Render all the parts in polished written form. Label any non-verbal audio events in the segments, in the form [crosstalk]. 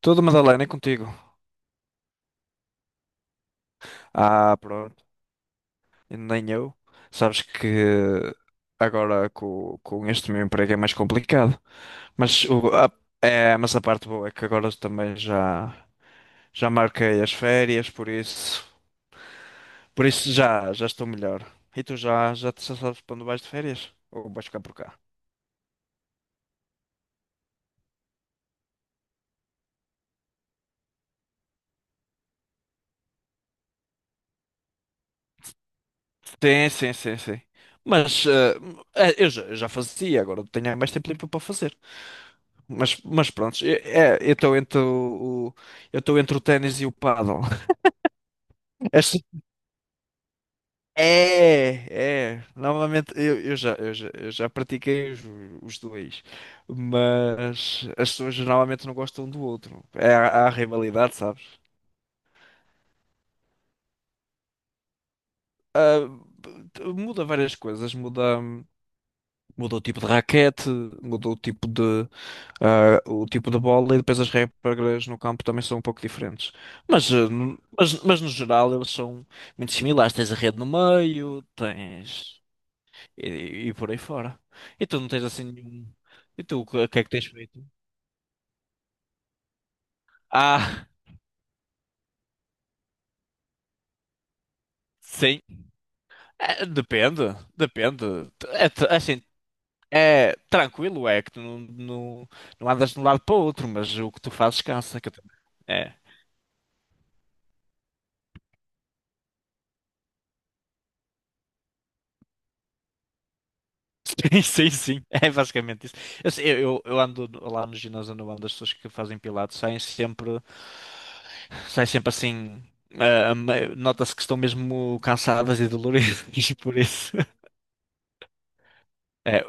Tudo, Madalena, é contigo. Ah, pronto. Nem eu. Sabes que agora com este meu emprego é mais complicado. Mas, o, a, mas a parte boa é que agora também já marquei as férias, por isso já estou melhor. E tu já sabes para onde vais de férias? Ou vais ficar por cá? Sim, sim, sim, sim. Mas eu já fazia, agora tenho mais tempo livre para fazer. Mas pronto, eu estou entre o ténis e o pádel. [laughs] Esta- é. Normalmente eu já pratiquei os dois, mas as pessoas normalmente não gostam um do outro. É, há rivalidade, sabes? Ah, muda várias coisas, muda. Mudou o tipo de raquete, mudou o tipo de, ah, o tipo de bola e depois as regras no campo também são um pouco diferentes. Mas, mas no geral eles são muito similares. Tens a rede no meio, tens. E por aí fora. E tu não tens assim nenhum. E tu, o que é que tens feito? Ah, [laughs] sim. É, depende, depende. É assim, é tranquilo, é que tu não andas de um lado para o outro, mas o que tu fazes cansa. Que eu também. É. Sim, sim, sim. [laughs] É basicamente isso. Eu, sei- eu- Eu ando lá no ginásio onde eu ando, as pessoas que fazem pilates saem sempre assim. Nota-se que estão mesmo cansadas e doloridas [laughs] por isso. É,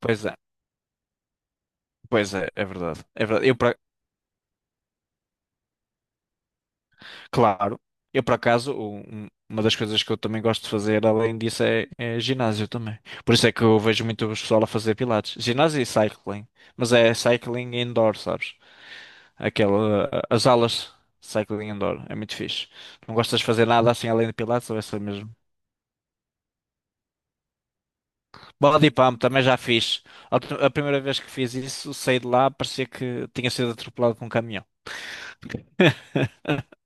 pois é, pois é, é verdade. É verdade. Claro, eu por acaso, uma das coisas que eu também gosto de fazer, além disso, é ginásio também. Por isso é que eu vejo muito o pessoal a fazer pilates. Ginásio e cycling. Mas é cycling indoor, sabes? As aulas de cycling indoor, é muito fixe. Não gostas de fazer nada assim além de pilates, ou é só mesmo? Body pump também já fiz. A primeira vez que fiz isso, saí de lá, parecia que tinha sido atropelado por um caminhão. [laughs]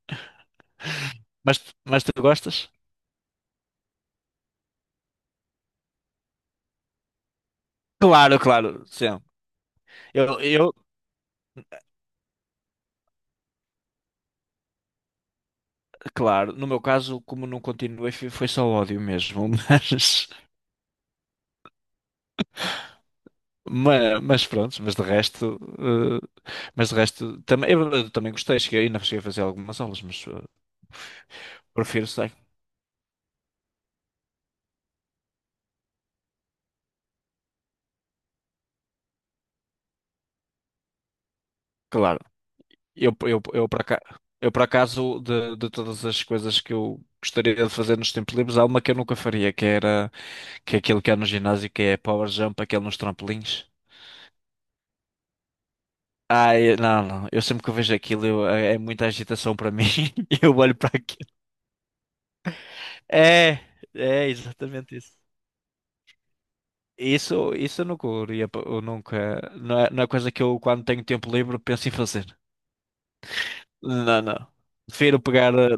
Mas, mas tu gostas? Claro, claro, sim. Eu, eu, claro, no meu caso, como não continuei, foi só ódio mesmo, [laughs] mas pronto, mas de resto, também, eu também gostei, cheguei, ainda cheguei a fazer algumas aulas, mas prefiro cycling. Claro, eu, eu, eu, por acaso, eu por acaso de todas as coisas que eu gostaria de fazer nos tempos livres, há uma que eu nunca faria, que é aquilo que há no ginásio, que é power jump, aquele nos trampolins. Não, não, eu sempre que eu vejo aquilo, é muita agitação para mim, [laughs] eu olho para aquilo. É, é exatamente isso. Isso, eu nunca, não é, não é coisa que eu quando tenho tempo livre penso em fazer. Não, não. Prefiro pegar.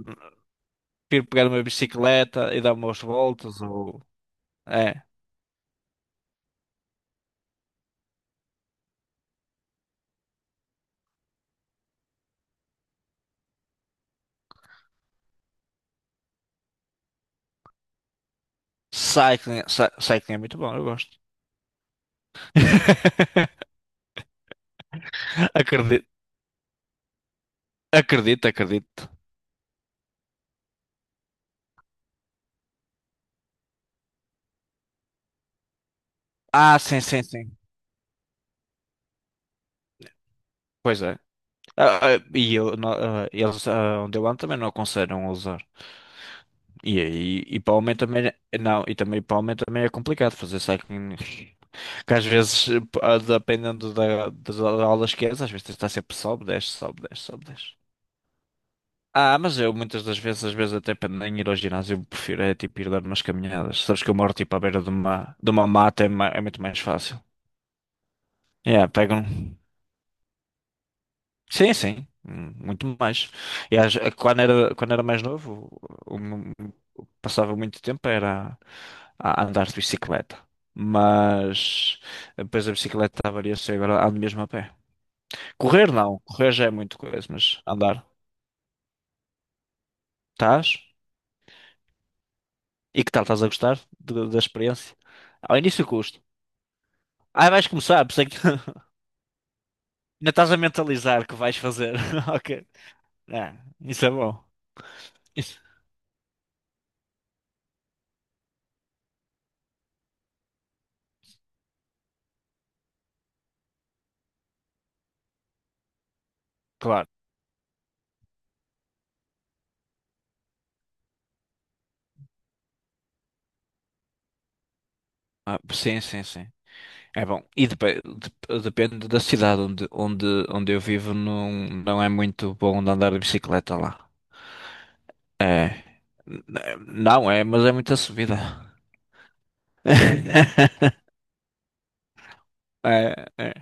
Prefiro pegar uma bicicleta e dar umas voltas ou. É. Cycling, cycling é muito bom, eu gosto. [laughs] Acredito, acredito, acredito. Ah, sim, sim, sim. Pois é. Ah, ah, e eu, não- ah, Eles, ah, onde eu ando também não aconselham a usar. E, aí e para o homem também é- não, e também para o homem também é complicado fazer cycling. Que às vezes, dependendo da, das aulas que és, às vezes tens de estar sempre sobe, desce, sobe, desce, sobe, desce. Ah, mas eu muitas das vezes, às vezes até para nem ir ao ginásio, prefiro é tipo ir dar umas caminhadas. Sabes que eu moro tipo à beira de uma mata, é muito mais fácil. Yeah, pego um... Sim, sim, muito mais. Quando era, quando era mais novo, passava muito tempo era a andar de bicicleta. Mas depois a bicicleta avaria-se e agora ando mesmo a pé. Correr não, correr já é muito coisa, mas andar. Estás? E que tal? Estás a gostar da experiência? Ao início custa. Ah, vais começar, por isso é que [laughs] ainda estás a mentalizar que vais fazer. [laughs] Ok. Ah, isso é bom. Isso- Claro. Ah, sim, sim, sim. É bom. E depende da cidade onde eu vivo, não, não é muito bom de andar de bicicleta lá. É. N- Não é, mas é muita subida. [laughs] É, é.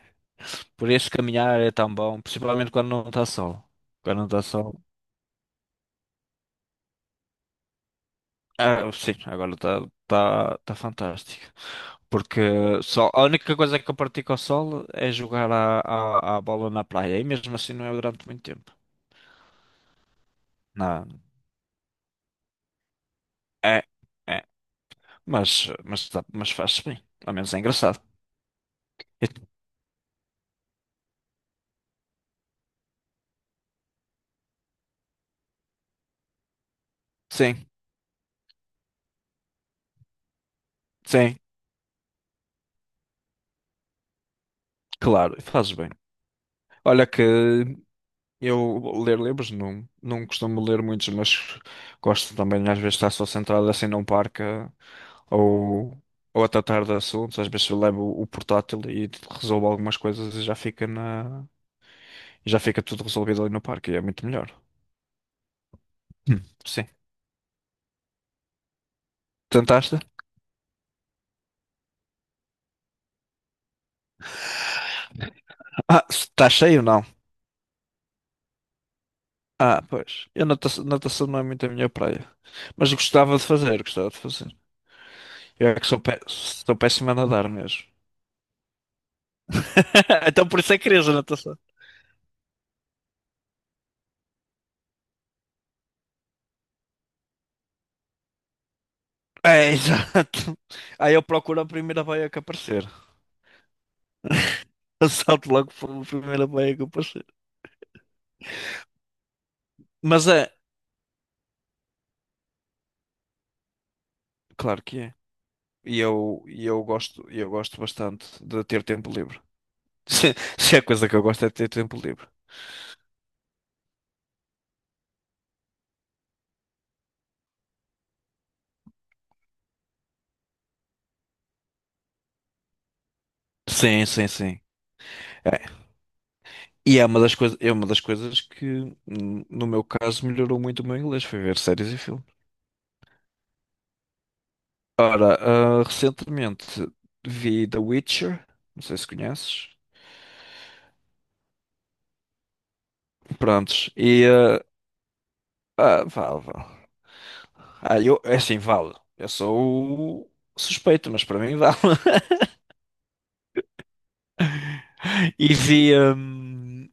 Por isso caminhar é tão bom, principalmente quando não está sol. Quando não está sol. Ah, sim, agora está tá fantástico. Porque só, a única coisa que eu pratico ao sol é jogar a bola na praia. E mesmo assim não é durante muito tempo. Não, é, é. Mas, mas faz-se bem. Ao menos é engraçado. E- sim, sim, claro, faz bem. Olha que eu ler livros não, não costumo ler muitos, mas gosto também às vezes de estar só centrado assim num parque ou, ou a tratar de assuntos. Às vezes eu levo o portátil e resolvo algumas coisas e já fica e já fica tudo resolvido ali no parque. E é muito melhor. Hum. Sim. Tentaste? Ah, está cheio não? Ah, pois. Eu natação, natação não é muito a minha praia. Mas gostava de fazer, gostava de fazer. Eu é que sou, pé, sou péssimo a nadar mesmo. [laughs] Então por isso é que querias a natação. É, exato. Aí eu procuro a primeira baia que aparecer. [laughs] Eu salto logo para a primeira baia que eu Mas é, claro que é. E eu gosto, e eu gosto bastante de ter tempo livre. [laughs] Se a coisa que eu gosto é de ter tempo livre. Sim, sim, sim. É. É uma das coisas que, no meu caso, melhorou muito o meu inglês, foi ver séries e filmes. Ora, ah, recentemente vi The Witcher, não sei se conheces. Prontos, e vale, vale. Ah, eu, é assim, vale. Eu sou o suspeito, mas para mim vale. [laughs] E vi.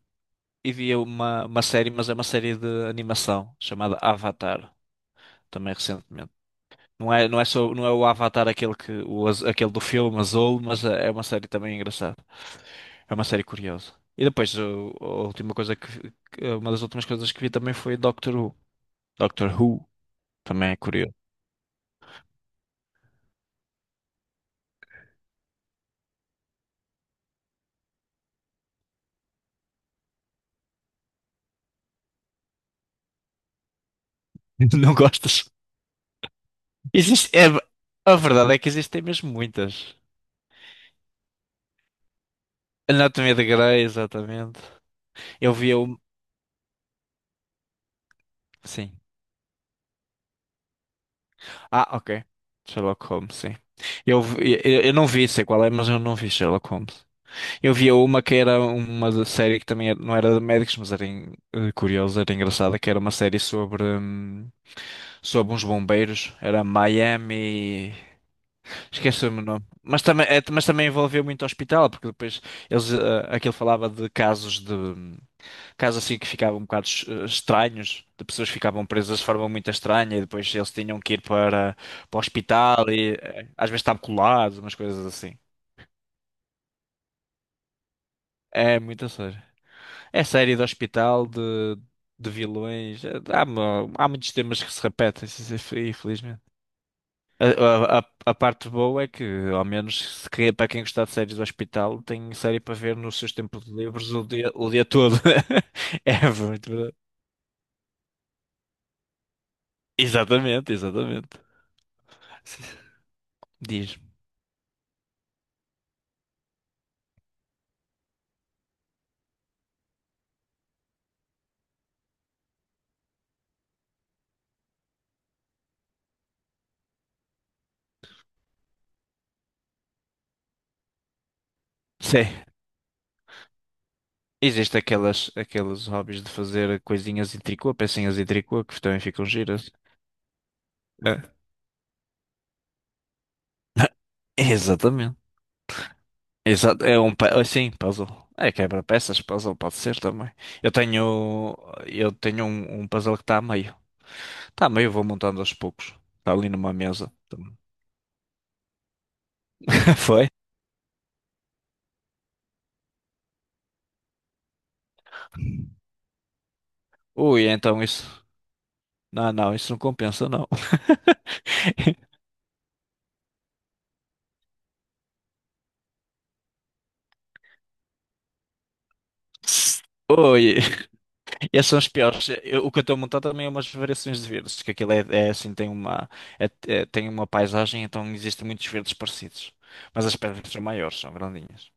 E vi uma série, mas é uma série de animação chamada Avatar, também recentemente. Não é só, não é o Avatar aquele aquele do filme Azul, mas é uma série também engraçada. É uma série curiosa. E depois o- a última coisa que, vi- que- uma das últimas coisas que vi também foi Doctor Who. Doctor Who também é curioso. [laughs] Não gostas? Existe, é, a verdade é que existem mesmo muitas. Anatomia de Grey, exatamente. Eu vi um, sim. Ah, ok. Sherlock Holmes, sim. Eu não vi, sei qual é, mas eu não vi Sherlock Holmes. Eu via uma que era uma série que também não era de médicos, mas era curiosa, era engraçada, que era uma série sobre, sobre uns bombeiros. Era Miami. Esqueci-me o nome. Mas também, mas também envolveu muito hospital, porque depois eles, aquilo falava de casos de. Casos assim que ficavam um bocado estranhos, de pessoas que ficavam presas de forma muito estranha e depois eles tinham que ir para, para o hospital e às vezes estavam colados, umas coisas assim. É muito a sério. É série de hospital, de vilões, há muitos temas que se repetem, sim- sim, infelizmente. A parte boa é que, ao menos, se quer- para quem gostar de séries do hospital, tem série para ver nos seus tempos livres o dia todo. [laughs] É muito verdade. Exatamente, exatamente. Diz. Sim. Existem aquelas, aqueles hobbies de fazer coisinhas em tricô, pecinhas em tricô, que também ficam giras. É. Exatamente. Exato. Puzzle. É quebra-peças, puzzle pode ser também. Eu tenho, eu tenho um, um puzzle que está a meio. Está a meio, vou montando aos poucos. Está ali numa mesa. [laughs] Foi? Ui, então isso. Não, não, isso não compensa, não. [laughs] Oi. E esses são os piores. O que eu estou a montar também é umas variações de verdes, que aquilo é, é assim, tem uma, tem uma paisagem, então existem muitos verdes parecidos. Mas as pedras são maiores, são grandinhas.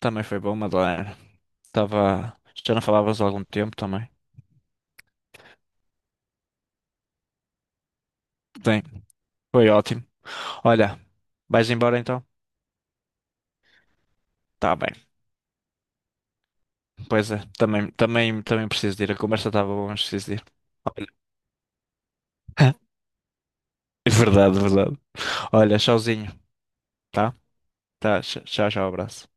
Também foi bom, Madalena. Estava. Já não falavas há algum tempo também. Sim, foi ótimo. Olha, vais embora então? Tá bem. Pois é, também, também, também preciso de ir. A conversa estava boa, mas preciso de ir. Olha. [laughs] Verdade, verdade. Olha, tchauzinho, tá? Tá, tchau, tchau, abraço.